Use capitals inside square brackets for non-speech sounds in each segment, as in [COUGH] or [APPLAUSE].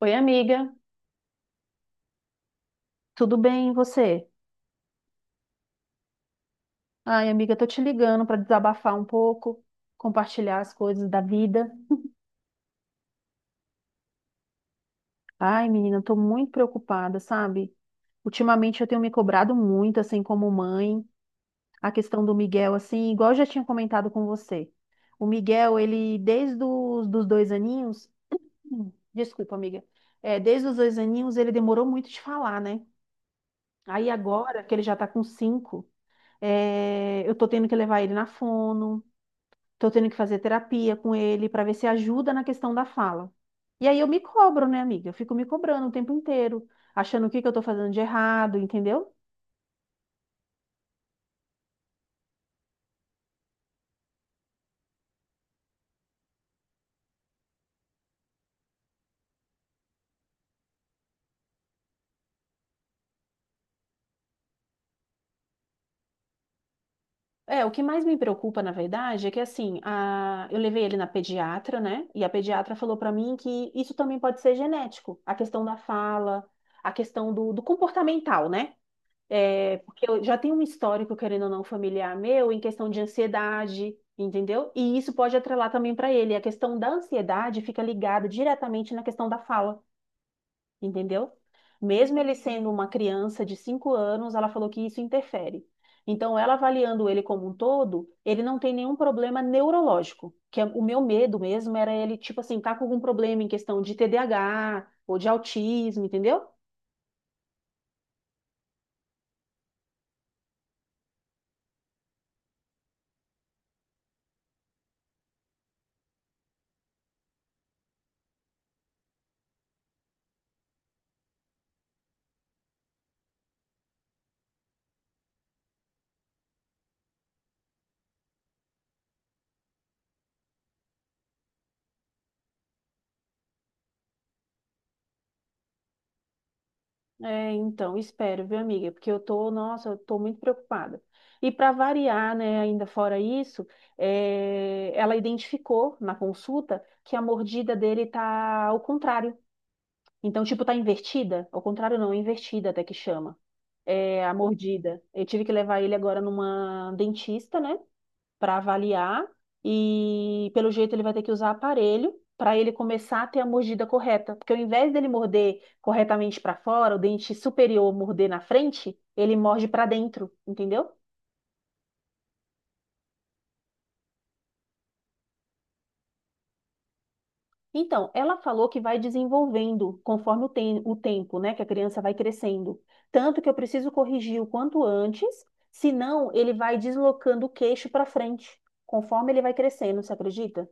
Oi, amiga, tudo bem, e você? Ai, amiga, tô te ligando para desabafar um pouco, compartilhar as coisas da vida. Ai, menina, tô muito preocupada, sabe? Ultimamente eu tenho me cobrado muito, assim, como mãe, a questão do Miguel, assim, igual eu já tinha comentado com você. O Miguel, ele, desde os dos 2 aninhos, desculpa, amiga, é, desde os 2 aninhos ele demorou muito de falar, né? Aí agora que ele já tá com 5, é, eu tô tendo que levar ele na fono. Tô tendo que fazer terapia com ele para ver se ajuda na questão da fala. E aí eu me cobro, né, amiga? Eu fico me cobrando o tempo inteiro, achando o que que eu tô fazendo de errado, entendeu? É, o que mais me preocupa, na verdade, é que assim, eu levei ele na pediatra, né? E a pediatra falou pra mim que isso também pode ser genético, a questão da fala, a questão do comportamental, né? É, porque eu já tenho um histórico, querendo ou não, familiar meu, em questão de ansiedade, entendeu? E isso pode atrelar também para ele. A questão da ansiedade fica ligada diretamente na questão da fala, entendeu? Mesmo ele sendo uma criança de 5 anos, ela falou que isso interfere. Então, ela avaliando ele como um todo, ele não tem nenhum problema neurológico, o meu medo mesmo era ele, tipo assim, tá com algum problema em questão de TDAH ou de autismo, entendeu? É, então, espero, viu, amiga? Porque eu tô, nossa, eu tô muito preocupada. E para variar, né, ainda fora isso, é, ela identificou na consulta que a mordida dele tá ao contrário. Então, tipo, tá invertida? Ao contrário, não, é invertida até que chama. É a mordida. Eu tive que levar ele agora numa dentista, né? Para avaliar, e pelo jeito ele vai ter que usar aparelho para ele começar a ter a mordida correta, porque ao invés dele morder corretamente para fora, o dente superior morder na frente, ele morde para dentro, entendeu? Então, ela falou que vai desenvolvendo conforme o tempo, né, que a criança vai crescendo. Tanto que eu preciso corrigir o quanto antes, senão ele vai deslocando o queixo para frente, conforme ele vai crescendo, você acredita?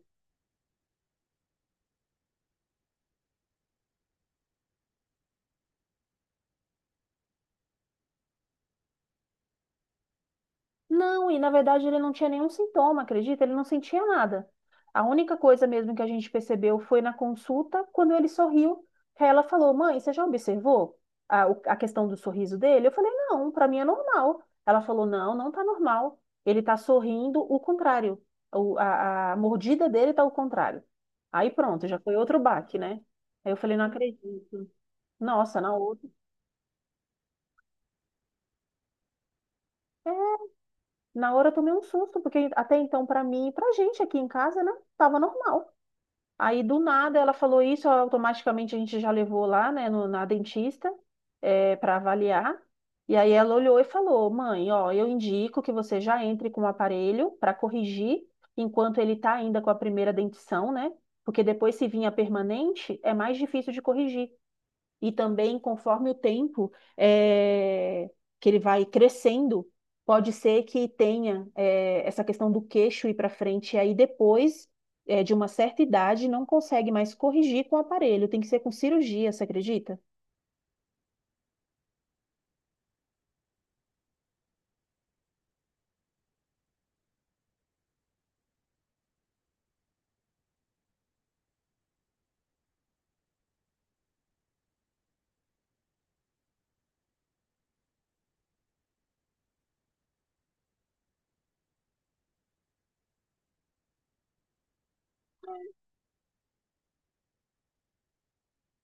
Não, e na verdade ele não tinha nenhum sintoma, acredita? Ele não sentia nada. A única coisa mesmo que a gente percebeu foi na consulta, quando ele sorriu, que aí ela falou: Mãe, você já observou a questão do sorriso dele? Eu falei: Não, para mim é normal. Ela falou: Não, não tá normal. Ele tá sorrindo o contrário. A mordida dele tá o contrário. Aí pronto, já foi outro baque, né? Aí eu falei: Não acredito. Nossa, na hora eu tomei um susto, porque até então, para mim e pra gente aqui em casa, né, tava normal. Aí do nada ela falou isso, automaticamente a gente já levou lá, né, no, na dentista, para avaliar. E aí ela olhou e falou: "Mãe, ó, eu indico que você já entre com o aparelho para corrigir enquanto ele tá ainda com a primeira dentição, né? Porque depois se vinha permanente, é mais difícil de corrigir e também conforme o tempo, que ele vai crescendo, pode ser que tenha, essa questão do queixo ir para frente, e aí depois, de uma certa idade não consegue mais corrigir com o aparelho, tem que ser com cirurgia, você acredita?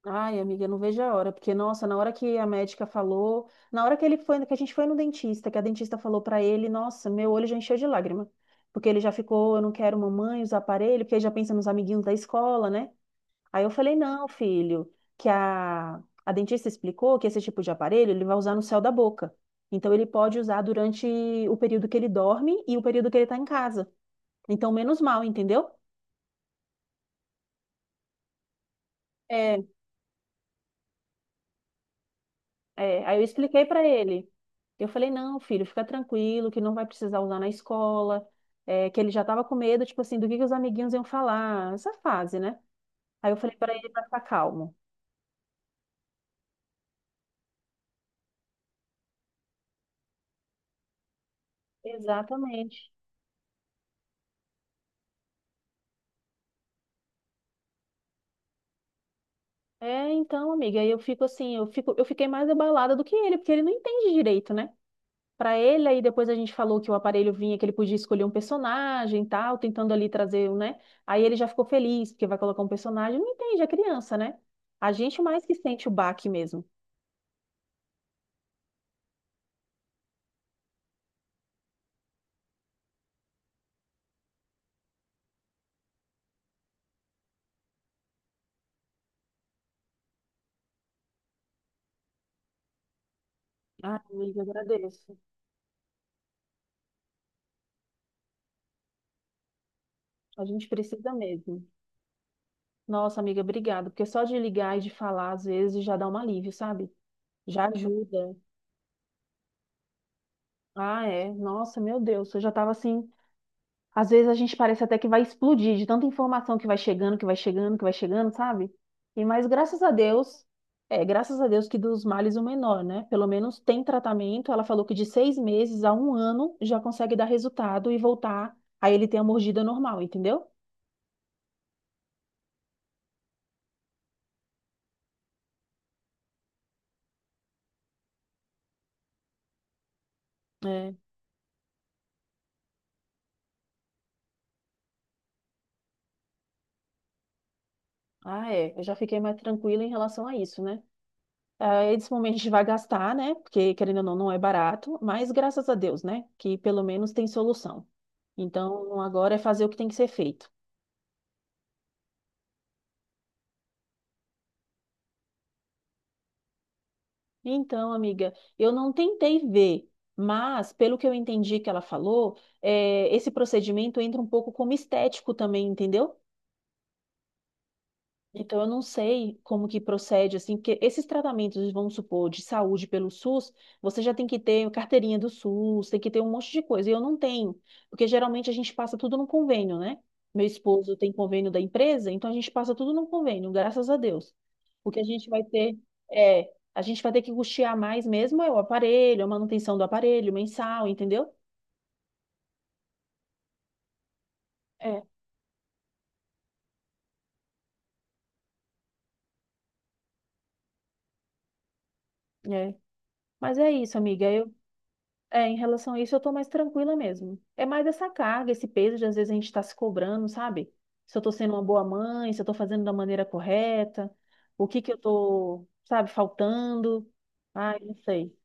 Ai, amiga, eu não vejo a hora, porque nossa, na hora que a médica falou, na hora que ele foi, que a gente foi no dentista, que a dentista falou para ele, nossa, meu olho já encheu de lágrima. Porque ele já ficou, eu não quero mamãe usar aparelho, porque ele já pensa nos amiguinhos da escola, né? Aí eu falei, não, filho, que a dentista explicou que esse tipo de aparelho ele vai usar no céu da boca. Então ele pode usar durante o período que ele dorme e o período que ele está em casa. Então, menos mal, entendeu? É, é. Aí eu expliquei para ele. Eu falei, não, filho, fica tranquilo, que não vai precisar usar na escola, é, que ele já estava com medo, tipo assim, do que os amiguinhos iam falar, essa fase, né? Aí eu falei para ele para ficar calmo. Exatamente. É, então, amiga, eu fico assim, eu fiquei mais abalada do que ele, porque ele não entende direito, né? Pra ele, aí depois a gente falou que o aparelho vinha, que ele podia escolher um personagem e tal, tentando ali trazer, um, né? Aí ele já ficou feliz, porque vai colocar um personagem, não entende, é criança, né? A gente mais que sente o baque mesmo. Ah, amiga, agradeço. A gente precisa mesmo. Nossa, amiga, obrigada, porque só de ligar e de falar, às vezes, já dá um alívio, sabe? Já ajuda. Ah, é. Nossa, meu Deus, eu já tava assim. Às vezes a gente parece até que vai explodir de tanta informação que vai chegando, que vai chegando, que vai chegando, sabe? E mas graças a Deus, é, graças a Deus que dos males o menor, né? Pelo menos tem tratamento. Ela falou que de 6 meses a 1 ano já consegue dar resultado e voltar a ele ter a mordida normal, entendeu? É. Ah, é. Eu já fiquei mais tranquila em relação a isso, né? Ah, esse momento a gente vai gastar, né? Porque, querendo ou não, não é barato, mas graças a Deus, né? Que pelo menos tem solução. Então, agora é fazer o que tem que ser feito. Então, amiga, eu não tentei ver, mas pelo que eu entendi que ela falou, esse procedimento entra um pouco como estético também, entendeu? Então, eu não sei como que procede, assim, porque esses tratamentos, vamos supor, de saúde pelo SUS, você já tem que ter carteirinha do SUS, tem que ter um monte de coisa. E eu não tenho, porque geralmente a gente passa tudo num convênio, né? Meu esposo tem convênio da empresa, então a gente passa tudo num convênio, graças a Deus. O que a gente vai ter que custear mais mesmo é o aparelho, a manutenção do aparelho, mensal, entendeu? É, é. Mas é isso, amiga. É, em relação a isso, eu tô mais tranquila mesmo. É mais essa carga, esse peso de às vezes a gente tá se cobrando, sabe? Se eu tô sendo uma boa mãe, se eu tô fazendo da maneira correta, o que que eu tô, sabe, faltando. Ai, não sei.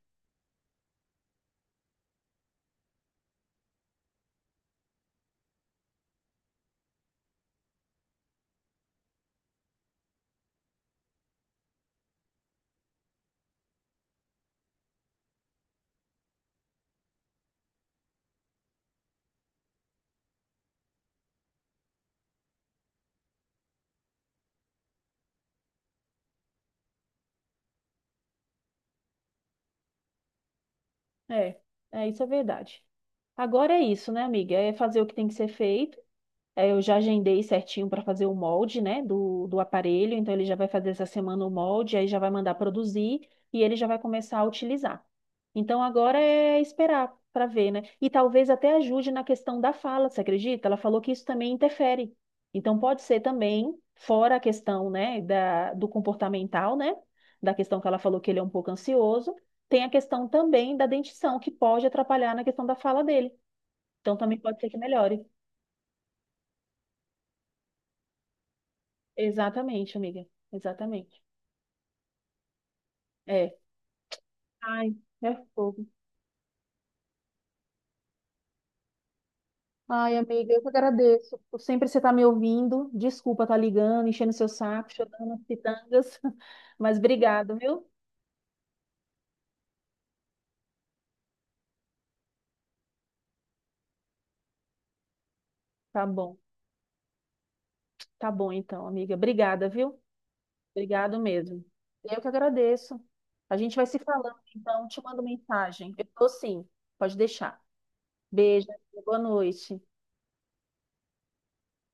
É, é, isso é verdade. Agora é isso, né, amiga? É fazer o que tem que ser feito. Eu já agendei certinho para fazer o molde, né, do aparelho. Então, ele já vai fazer essa semana o molde, aí já vai mandar produzir e ele já vai começar a utilizar. Então, agora é esperar para ver, né? E talvez até ajude na questão da fala, você acredita? Ela falou que isso também interfere. Então, pode ser também, fora a questão, né, da, do comportamental, né, da questão que ela falou que ele é um pouco ansioso, tem a questão também da dentição, que pode atrapalhar na questão da fala dele. Então, também pode ser que melhore. Exatamente, amiga. Exatamente. É. Ai, é fogo. Ai, amiga, eu que agradeço por sempre você estar me ouvindo. Desculpa estar ligando, enchendo seu saco, chorando as pitangas. [LAUGHS] Mas obrigado, viu? Tá bom. Tá bom, então, amiga. Obrigada, viu? Obrigado mesmo. Eu que agradeço. A gente vai se falando, então. Te mando mensagem. Eu tô sim. Pode deixar. Beijo, amiga. Boa noite.